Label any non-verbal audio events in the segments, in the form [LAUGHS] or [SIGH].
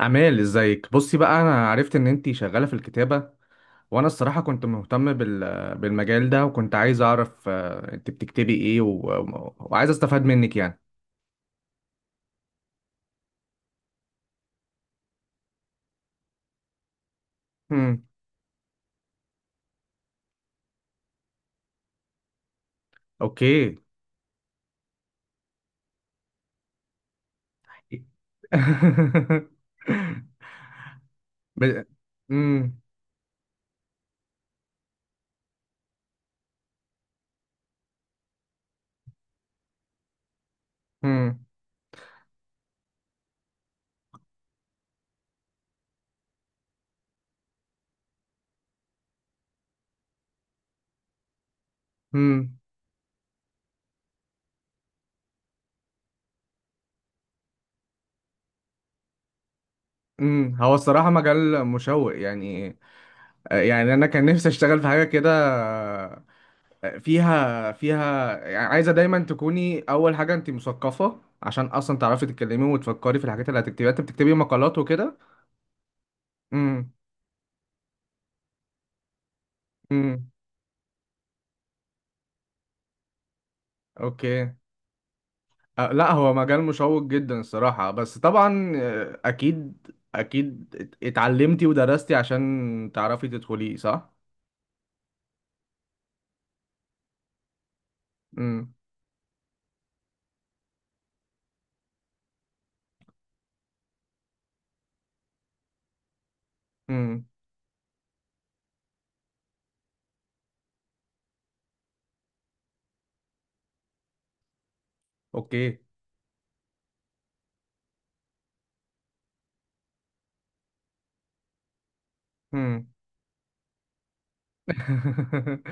أمال، ازيك؟ بصي بقى، انا عرفت ان انتي شغالة في الكتابة. وانا الصراحة كنت مهتم بالمجال ده، وكنت عايز اعرف انت بتكتبي ايه، وعايز استفاد منك يعني. امم. اوكي. [LAUGHS] ب... امم. امم. امم. امم. هو الصراحة مجال مشوق يعني. يعني انا كان نفسي اشتغل في حاجة كده فيها يعني. عايزة دايما تكوني، أول حاجة، أنت مثقفة عشان أصلا تعرفي تتكلمي وتفكري في الحاجات اللي هتكتبيها. أنت بتكتبي مقالات وكده؟ امم. امم. أوكي. أه، لا، هو مجال مشوق جدا الصراحة، بس طبعا أكيد. أكيد اتعلمتي ودرستي عشان تعرفي تدخليه، صح؟ امم. امم. أوكي. [LAUGHS]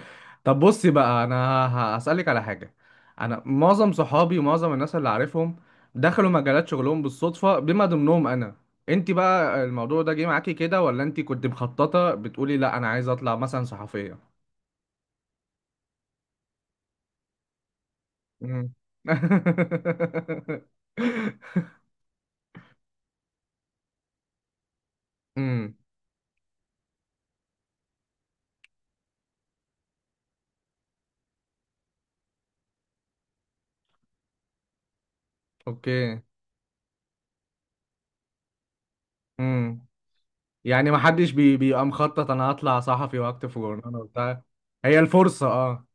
طب بصي بقى، انا هسألك على حاجة. انا معظم صحابي ومعظم الناس اللي عارفهم دخلوا مجالات شغلهم بالصدفة، بما ضمنهم انا. انت بقى الموضوع ده جه معاكي كده، ولا انت كنت مخططة بتقولي لا انا عايزة اطلع مثلا صحفية؟ مم. [LAUGHS] امم. اوكي. امم. يعني ما حدش بيبقى مخطط انا هطلع صحفي واكتب في جورنال وبتاع. هي الفرصة، اه.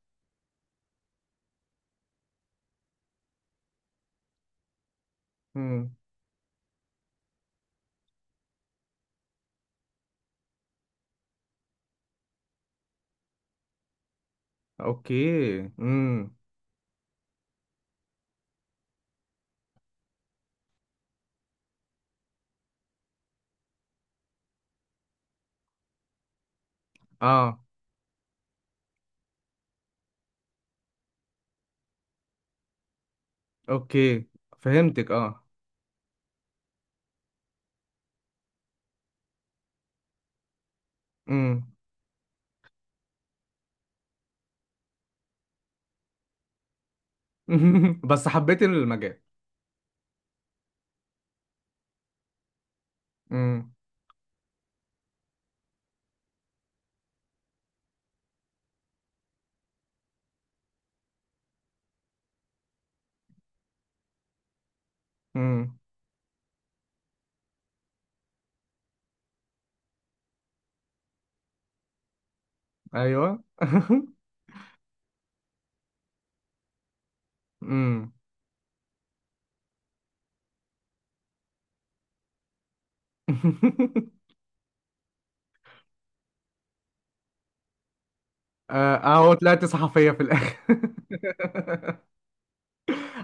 امم. اوكي. امم. اه. اوكي. فهمتك، اه. امم. [LAUGHS] بس حبيت المجال. امم. امم. ايوه. [LAUGHS] امم. [LAUGHS] اهو طلعت صحفية في الاخر. [LAUGHS]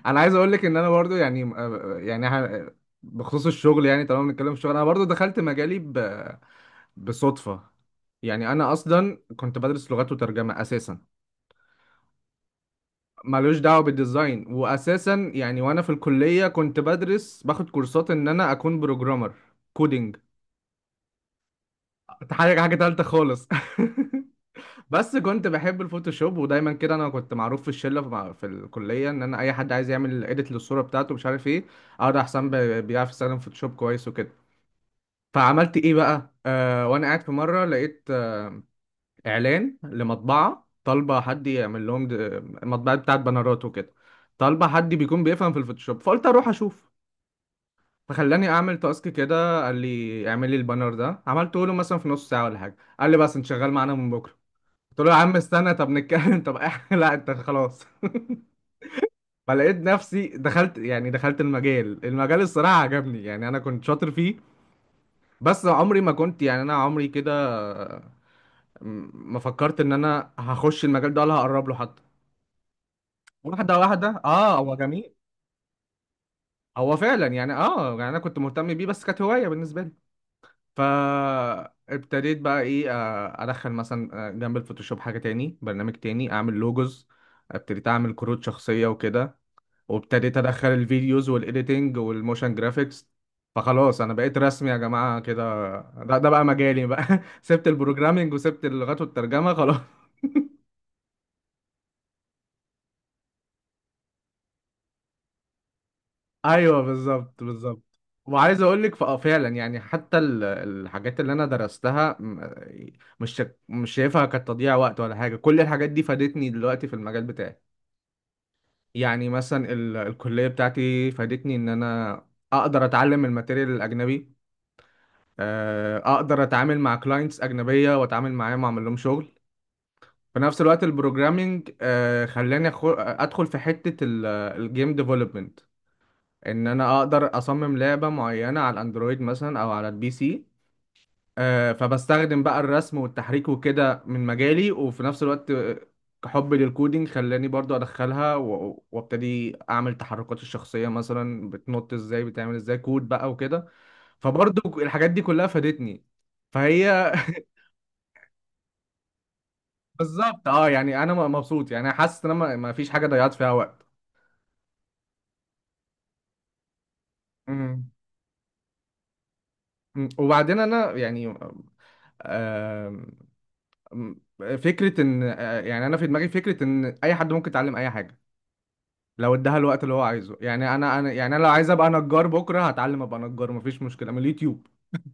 انا عايز اقول لك ان انا برضو يعني يعني بخصوص الشغل، يعني طالما بنتكلم في الشغل، انا برضو دخلت مجالي بصدفة. يعني انا اصلا كنت بدرس لغات وترجمة اساسا. ملوش دعوة بالديزاين وأساسا يعني، وأنا في الكلية كنت بدرس باخد كورسات إن أنا أكون بروجرامر، كودينج. حاجة تالتة خالص. [LAUGHS] بس كنت بحب الفوتوشوب، ودايما كده أنا كنت معروف في الشلة، في في الكلية، إن أنا أي حد عايز يعمل إيديت للصورة بتاعته، مش عارف إيه، أقعد أحسن بيعرف يستخدم فوتوشوب كويس وكده. فعملت إيه بقى؟ وأنا قاعد في مرة، لقيت إعلان لمطبعة طالبة حد يعمل لهم مطبعة بتاعت بنرات وكده، طالبة حد بيكون بيفهم في الفوتوشوب، فقلت أروح أشوف. فخلاني اعمل تاسك كده، قال لي اعمل لي البانر ده، عملته له مثلا في نص ساعه ولا حاجه، قال لي بس انت شغال معانا من بكره. قلت له يا عم استنى، طب نتكلم، طب [LAUGHS] لا انت خلاص. [LAUGHS] فلقيت نفسي دخلت، يعني دخلت المجال. الصراحه عجبني، يعني انا كنت شاطر فيه، بس عمري ما كنت، يعني انا عمري كده ما فكرت ان انا هخش المجال ده ولا هقرب له حتى. واحده واحده، اه، هو جميل، هو فعلا يعني. اه، يعني انا كنت مهتم بيه، بس كانت هوايه بالنسبه لي. فابتديت بقى ايه، ادخل مثلا جنب الفوتوشوب حاجة تاني، برنامج تاني، اعمل لوجوز. ابتديت اعمل كروت شخصية وكده، وابتديت ادخل الفيديوز والايديتنج والموشن جرافيكس. فخلاص انا بقيت رسمي يا جماعة كده. ده بقى مجالي بقى. [LAUGHS] سبت البروجرامينج وسبت اللغات والترجمة خلاص. ايوه بالظبط، بالظبط. وعايز اقول لك فعلا، يعني حتى الحاجات اللي انا درستها، مش شايفها كتضييع وقت ولا حاجه. كل الحاجات دي فادتني دلوقتي في المجال بتاعي. يعني مثلا الكليه بتاعتي فادتني ان انا اقدر اتعلم الماتيريال الاجنبي، اقدر اتعامل مع كلاينتس اجنبيه واتعامل معاهم واعمل لهم شغل. في نفس الوقت البروجرامينج خلاني ادخل في حته الجيم ديفلوبمنت، ان انا اقدر اصمم لعبة معينة على الاندرويد مثلا او على البي سي. فبستخدم بقى الرسم والتحريك وكده من مجالي، وفي نفس الوقت حبي للكودينج خلاني برضو ادخلها، وابتدي اعمل تحركات الشخصية، مثلا بتنط ازاي، بتعمل ازاي كود بقى وكده. فبرضو الحاجات دي كلها فادتني، فهي. بالظبط، اه. يعني انا مبسوط، يعني حاسس ان انا ما فيش حاجة ضيعت فيها وقت. مم. مم. وبعدين انا يعني م- فكرة ان يعني انا في دماغي فكرة ان اي حد ممكن يتعلم اي حاجة لو اداها الوقت اللي هو عايزه. يعني انا يعني انا لو عايز ابقى نجار بكرة هتعلم ابقى نجار، مفيش مشكلة، من اليوتيوب. [LAUGHS]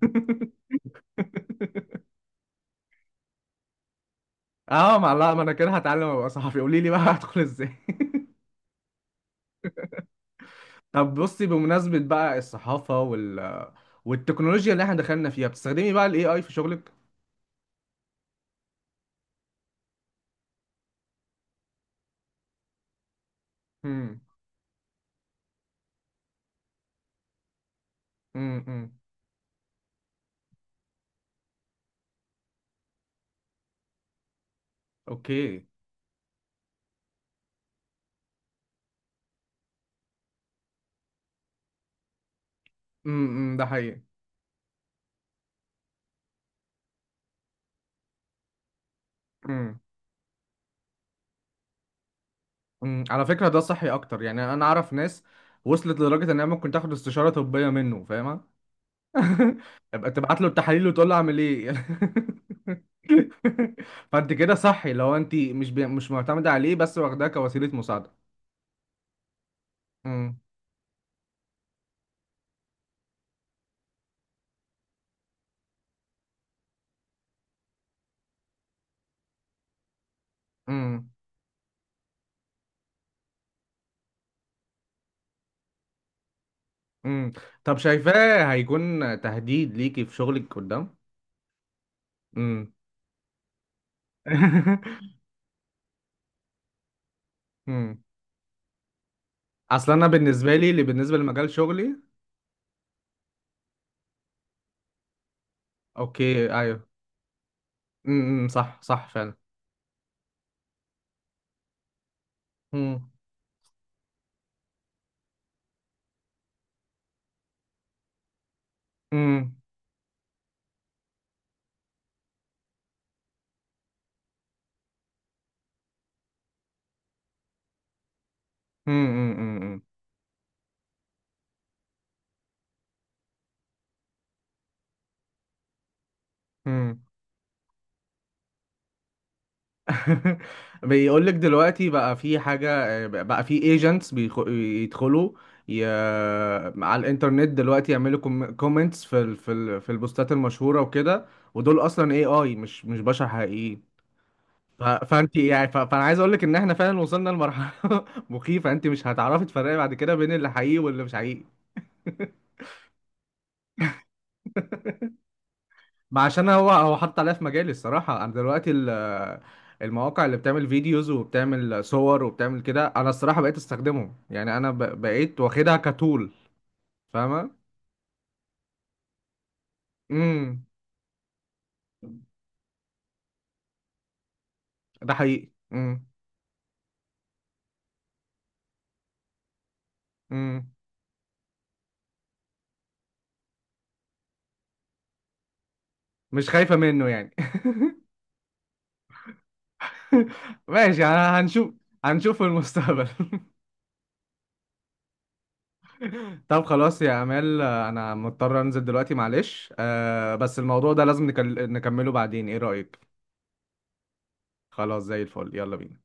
اه، ما لا، ما انا كده هتعلم ابقى صحفي. قولي لي بقى هدخل ازاي. [LAUGHS] طب بصي، بمناسبة بقى الصحافة والتكنولوجيا اللي احنا دخلنا فيها، بتستخدمي بقى الاي اي في شغلك؟ امم. امم. اوكي. امم. ده حقيقي. مم، على فكرة، ده صحي أكتر. يعني أنا أعرف ناس وصلت لدرجة إنها ممكن تاخد استشارة طبية منه، فاهمة؟ [LAUGHS] يبقى تبعت له التحاليل وتقول له أعمل إيه. [LAUGHS] فأنت كده صحي، لو أنت مش معتمدة عليه بس واخداه كوسيلة مساعدة. مم، مم، مم. طب شايفاه هيكون تهديد ليكي في شغلك قدام؟ مم. [LAUGHS] مم. أصل أنا بالنسبة لي، اللي بالنسبة لمجال شغلي. أوكي، أيوه. مم، مم، صح، صح، فعلا. مم، مم. امم. امم. [LAUGHS] بيقول لك دلوقتي بقى في حاجة بقى، في ايجنتس بيدخلوا ي... على الانترنت دلوقتي، يعملوا كومنتس في البوستات المشهورة وكده، ودول اصلا اي اي، مش بشر حقيقيين. فانت يعني، فانا عايز اقول لك ان احنا فعلا وصلنا لمرحلة [LAUGHS] مخيفة. انت مش هتعرفي تفرقي بعد كده بين اللي حقيقي واللي مش حقيقي. ما عشان هو حط عليا في مجالي، الصراحة. أنا دلوقتي المواقع اللي بتعمل فيديوز وبتعمل صور وبتعمل كده، أنا الصراحة بقيت أستخدمهم. يعني أنا بقيت واخدها كتول، فاهمة؟ امم. ده حقيقي. امم. امم. مش خايفة منه يعني. [LAUGHS] ماشي، أنا هنشوف في المستقبل. [LAUGHS] طب خلاص يا أمال، أنا مضطر أنزل دلوقتي، معلش. بس الموضوع ده لازم نكمله بعدين، إيه رأيك؟ خلاص، زي الفل، يلا بينا.